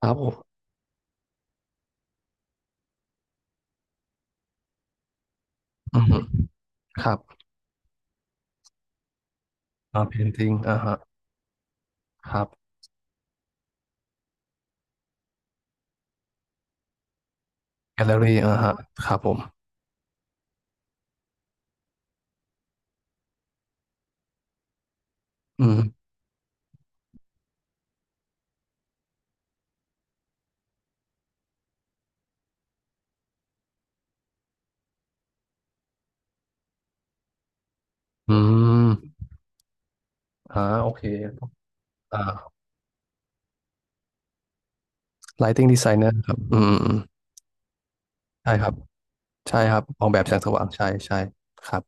ครับผมอือฮึครับอ่าเพนติงอ่าฮะครับแกลเลอรี่อ่าฮะครับผมอืมอืมอ่าโอเคอ่า Lighting Designer ครับอืมอืมใช่ครับใช่ครับออกแบบแสงสว่างใช่ใช่ครับ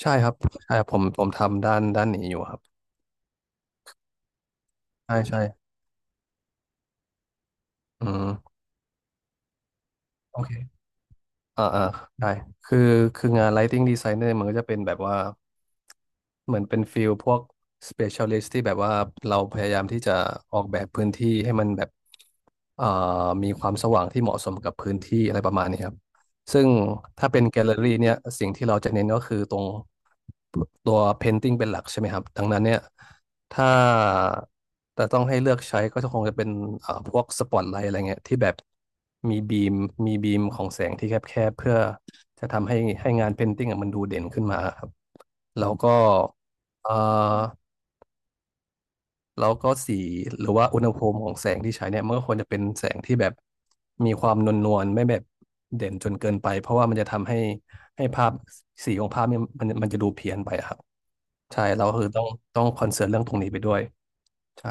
ใช่ครับใช่ครับผมผมทำด้านด้านนี้อยู่ครับใช่ใช่อืมโอเค อ่าอ่าได้คือคืองาน Lighting Designer มันก็จะเป็นแบบว่าเหมือนเป็นฟิลพวก specialist ที่แบบว่าเราพยายามที่จะออกแบบพื้นที่ให้มันแบบเอ่อมีความสว่างที่เหมาะสมกับพื้นที่อะไรประมาณนี้ครับซึ่งถ้าเป็นแกลเลอรี่เนี่ยสิ่งที่เราจะเน้นก็คือตรง ตัว Painting เป็นหลักใช่ไหมครับดังนั้นเนี่ยถ้าแต่ต้องให้เลือกใช้ก็คงจะเป็นพวกสปอตไล h ์อะไรเงี้ยที่แบบมีบีมมีบีมของแสงที่แคบๆเพื่อจะทำให้ให้งาน Painting อะมันดูเด่นขึ้นมาครับแล้วก็เอ่อแล้วก็สีหรือว่าอุณหภูมิของแสงที่ใช้เนี่ยมันก็ควรจะเป็นแสงที่แบบมีความนวลนวลไม่แบบเด่นจนเกินไปเพราะว่ามันจะทำให้ให้ภาพสีของภาพเนี่ยมันจะดูเพี้ยนไปครับ ใช่เราคือต้องต้องคอนเซิร์นเรื่องตรงนี้ไปด้วยใช่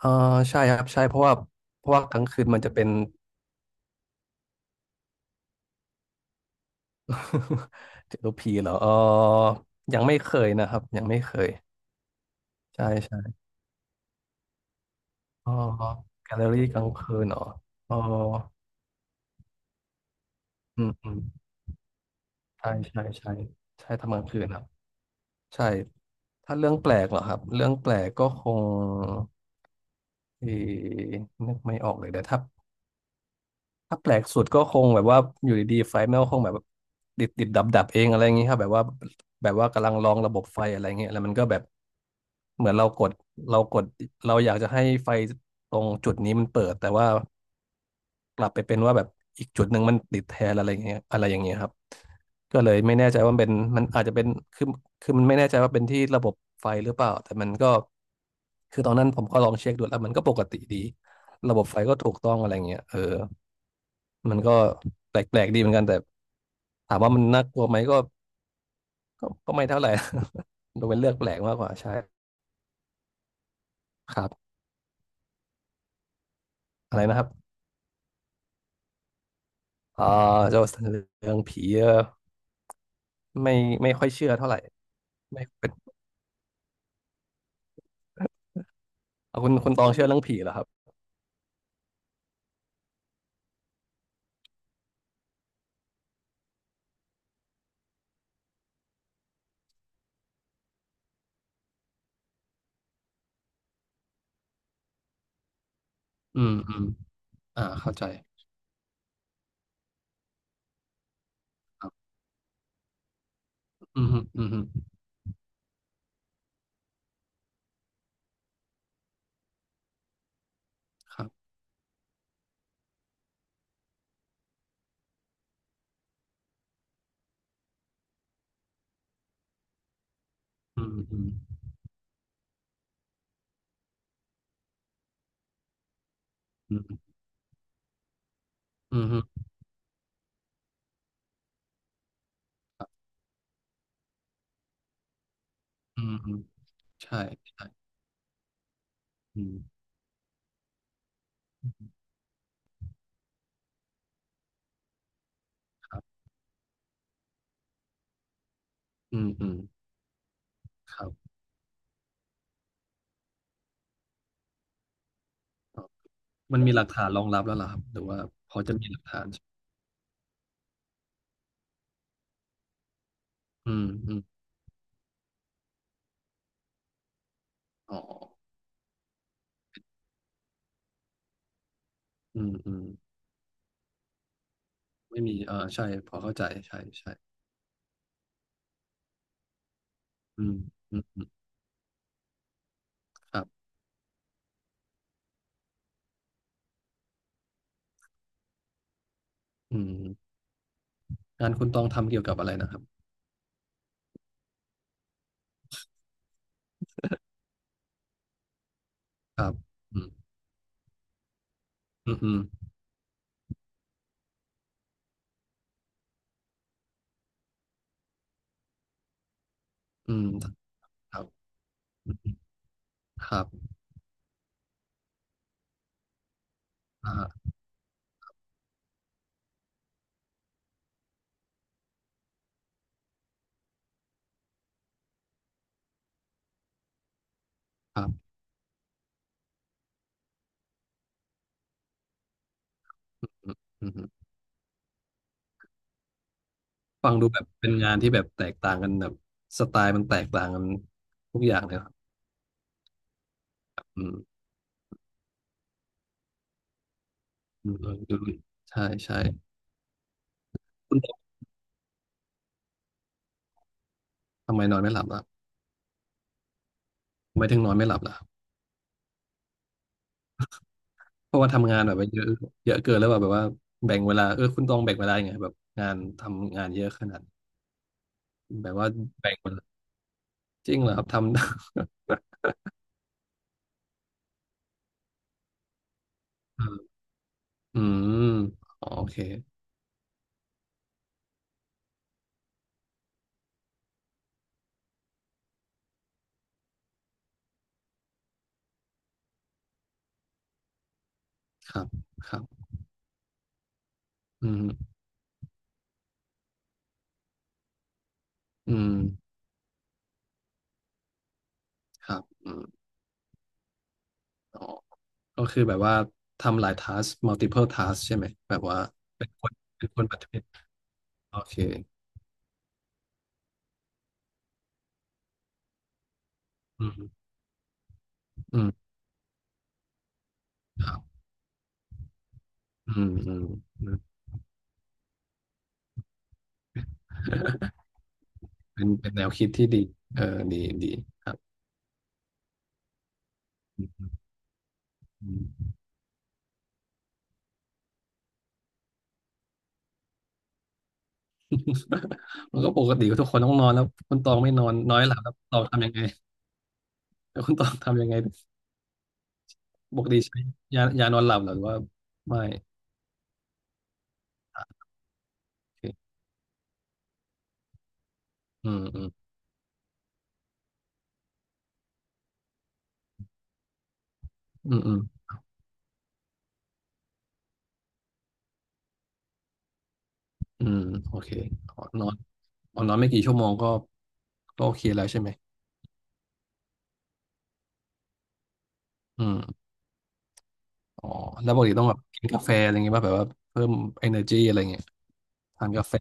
เออใช่ครับใช่เพราะว่าเพราะว่ากลางคืนมันจะเป็น เจอผีเหรอเออยังไม่เคยนะครับยังไม่เคยใช่ใช่อ๋อแกลเลอรี่กลางคืนเหรออ๋ออืมอืมใช่ใช่ใช่ใช่ทำกลางคืนครับใช่ถ้าเรื่องแปลกเหรอครับเรื่องแปลกก็คงเออนึกไม่ออกเลยแต่ถ้า ถ้าแปลกสุดก็คงแบบว่าอยู่ดีๆไฟแม่งก็คงแบบติดติดดับดับๆเองอะไรอย่างงี้ครับแบบว่าแบบว่ากำลังลองระบบไฟอะไรเงี้ยแล้วมันก็แบบเหมือนเรากดเราอยากจะให้ไฟตรงจุดนี้มันเปิดแต่ว่ากลับไปเป็นว่าแบบอีกจุดหนึ่งมันติดแทนอะไรเงี้ยอะไรอย่างเงี้ยครับก็เลยไม่แน่ใจว่ามันเป็นมันอาจจะเป็นคือคือมันไม่แน่ใจว่าเป็นที่ระบบไฟหรือเปล่าแต่มันก็คือตอนนั้นผมก็ลองเช็คดูแล้วมันก็ปกติดี ระบบไฟก็ถูกต้องอะไรเงี้ยเออมันก็แปลกๆดีเหมือนกันแต่ถามว่ามันน่ากลัวไหมก็ก็ไม่เท่าไหร่ ดูเป็นเรื่องแปลกมากกว่าใช่ครับอะไรนะครับอ่าเจ้าเรื่องผีเออไม่ไม่ค่อยเชื่อเท่าไหร่ไม่เป็นเอาคุณตองเชื่อเรื่องผีเหรอครับอืมอืมอ่าเข้าใจครับอืมฮึอืมฮึครับอืมอืมอืมอืมฮึครับอืมอืมใช่ใช่อืมครับอืมอืมครับ มันมีหลักฐานรองรับแล้วเหรอครับหรือว่าพอจะมีหลักฐานอืมอืมอ๋ออืมอืมไม่มีเออใช่พอเข้าใจใช่ใช่อืมอืมอืมครับอืมงานคุณต้องทำเกี่ยวกับอะไรนะครับครับอืมอืมอืมอืมครับอืมครับอ่าครับอืมอืมฟังดูแบบเป็นงานที่แบบแตกต่างกันแบบสไตล์มันแตกต่างกันทุกอย่างเลยครับอืมอืมเออดูดิใช่ใช่คุณทำไมนอนไม่หลับล่ะทำไมถึงนอนไม่หลับล่ะ เพราะว่าทำงานแบบว่าเยอะเยอะเกินแล้วแบบว่าแบ่งเวลาเออคุณต้องแบ่งเวลายังไงแบบงานทำงานเยอะขนาดนี้แบบว่าแบ่งเวลาจริงเหรอครับทำ อืมอ๋อโอเคครับ ครับอืมอืมครับอืมอ๋อก็คือแบบว่าทำหลาย task multiple task ใช่ไหมแบบว่าเป็นคนปฏิบัติโอเคอืมอืมครับอืมอืม อืมเป็นเป็นแนวคิดที่ดีเออดีดีครับอืม มันก็ปกติทุกคนต้องนอนแล้วคุณตองไม่นอนน้อยหลับแล้วตองทำยังไงแล้วคุณตองทำยังไงปกติใช้ยายานอนหลับเหรอหรือว่าไม่อ่ะโอเคอืมอืมอืมอืมอืมโอเคอ๋อนอนอ๋อนอนไม่กี่ชั่วโมงก็ก็โอเคแล้วใช่ไหมอืมอ๋อแล้วปกติต้องแบบกินกาแฟอะไรเงี้ยป่ะแบบว่าเพิ่ม energy อะไรเงี้ยทานกาแฟ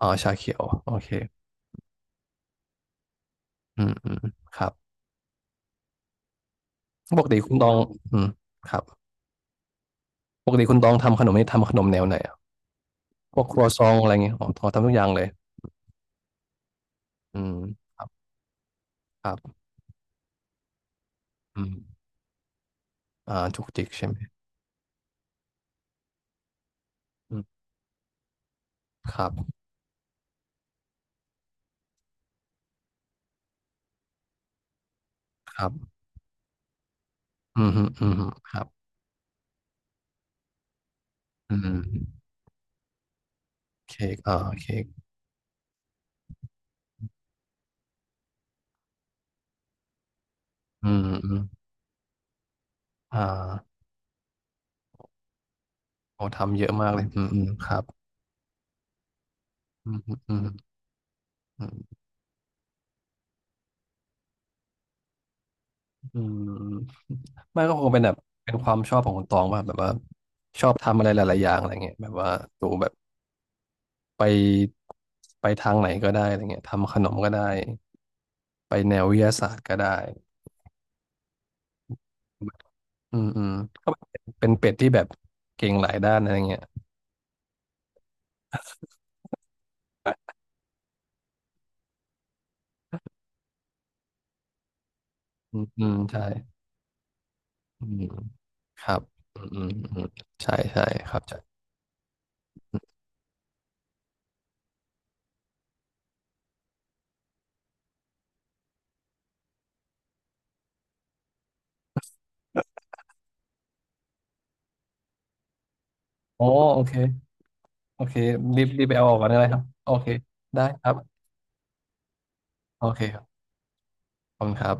อ๋อชาเขียวโอเคอืมอืมครับปกติคุณตองอืมครับปกติคุณตองทำขนมนี่ทำขนมแนวไหน พวกครัวซองอะไรเงี้ยอ๋อทอทำทุกอย่างเลยอืมครับครับอืมอ่าจุกจิกใช่ไหมอืมครับครับอืมฮึอืมฮึครับอืมเค้กอ่าเค้กอืมอืมอ่าโอ้ทำเยอะมากเลยอืมอืมครับอืมฮึอืมฮึอืมอืมไม่ก็คงเป็นแบบเป็นความชอบของคุณตองว่าแบบว่าชอบทำอะไรหลายๆอย่างอะไรเงี้ยแบบว่าตูแบบไปไปทางไหนก็ได้อะไรเงี้ยทำขนมก็ได้ไปแนววิทยาศาสตร์ก็ได้ อืมอืมก็เป็นเป็ดที่แบบเก่งหลายด้านอะไรเงี้ยอืมอืมใช่อืมครับอืมอืมอืมใช่ใช่ครับใช่โอ้โอเคโอเครีบรีบไปเอาออกก่อนได้เลยครับโอเคได้ครับโอเคครับขอบคุณครับ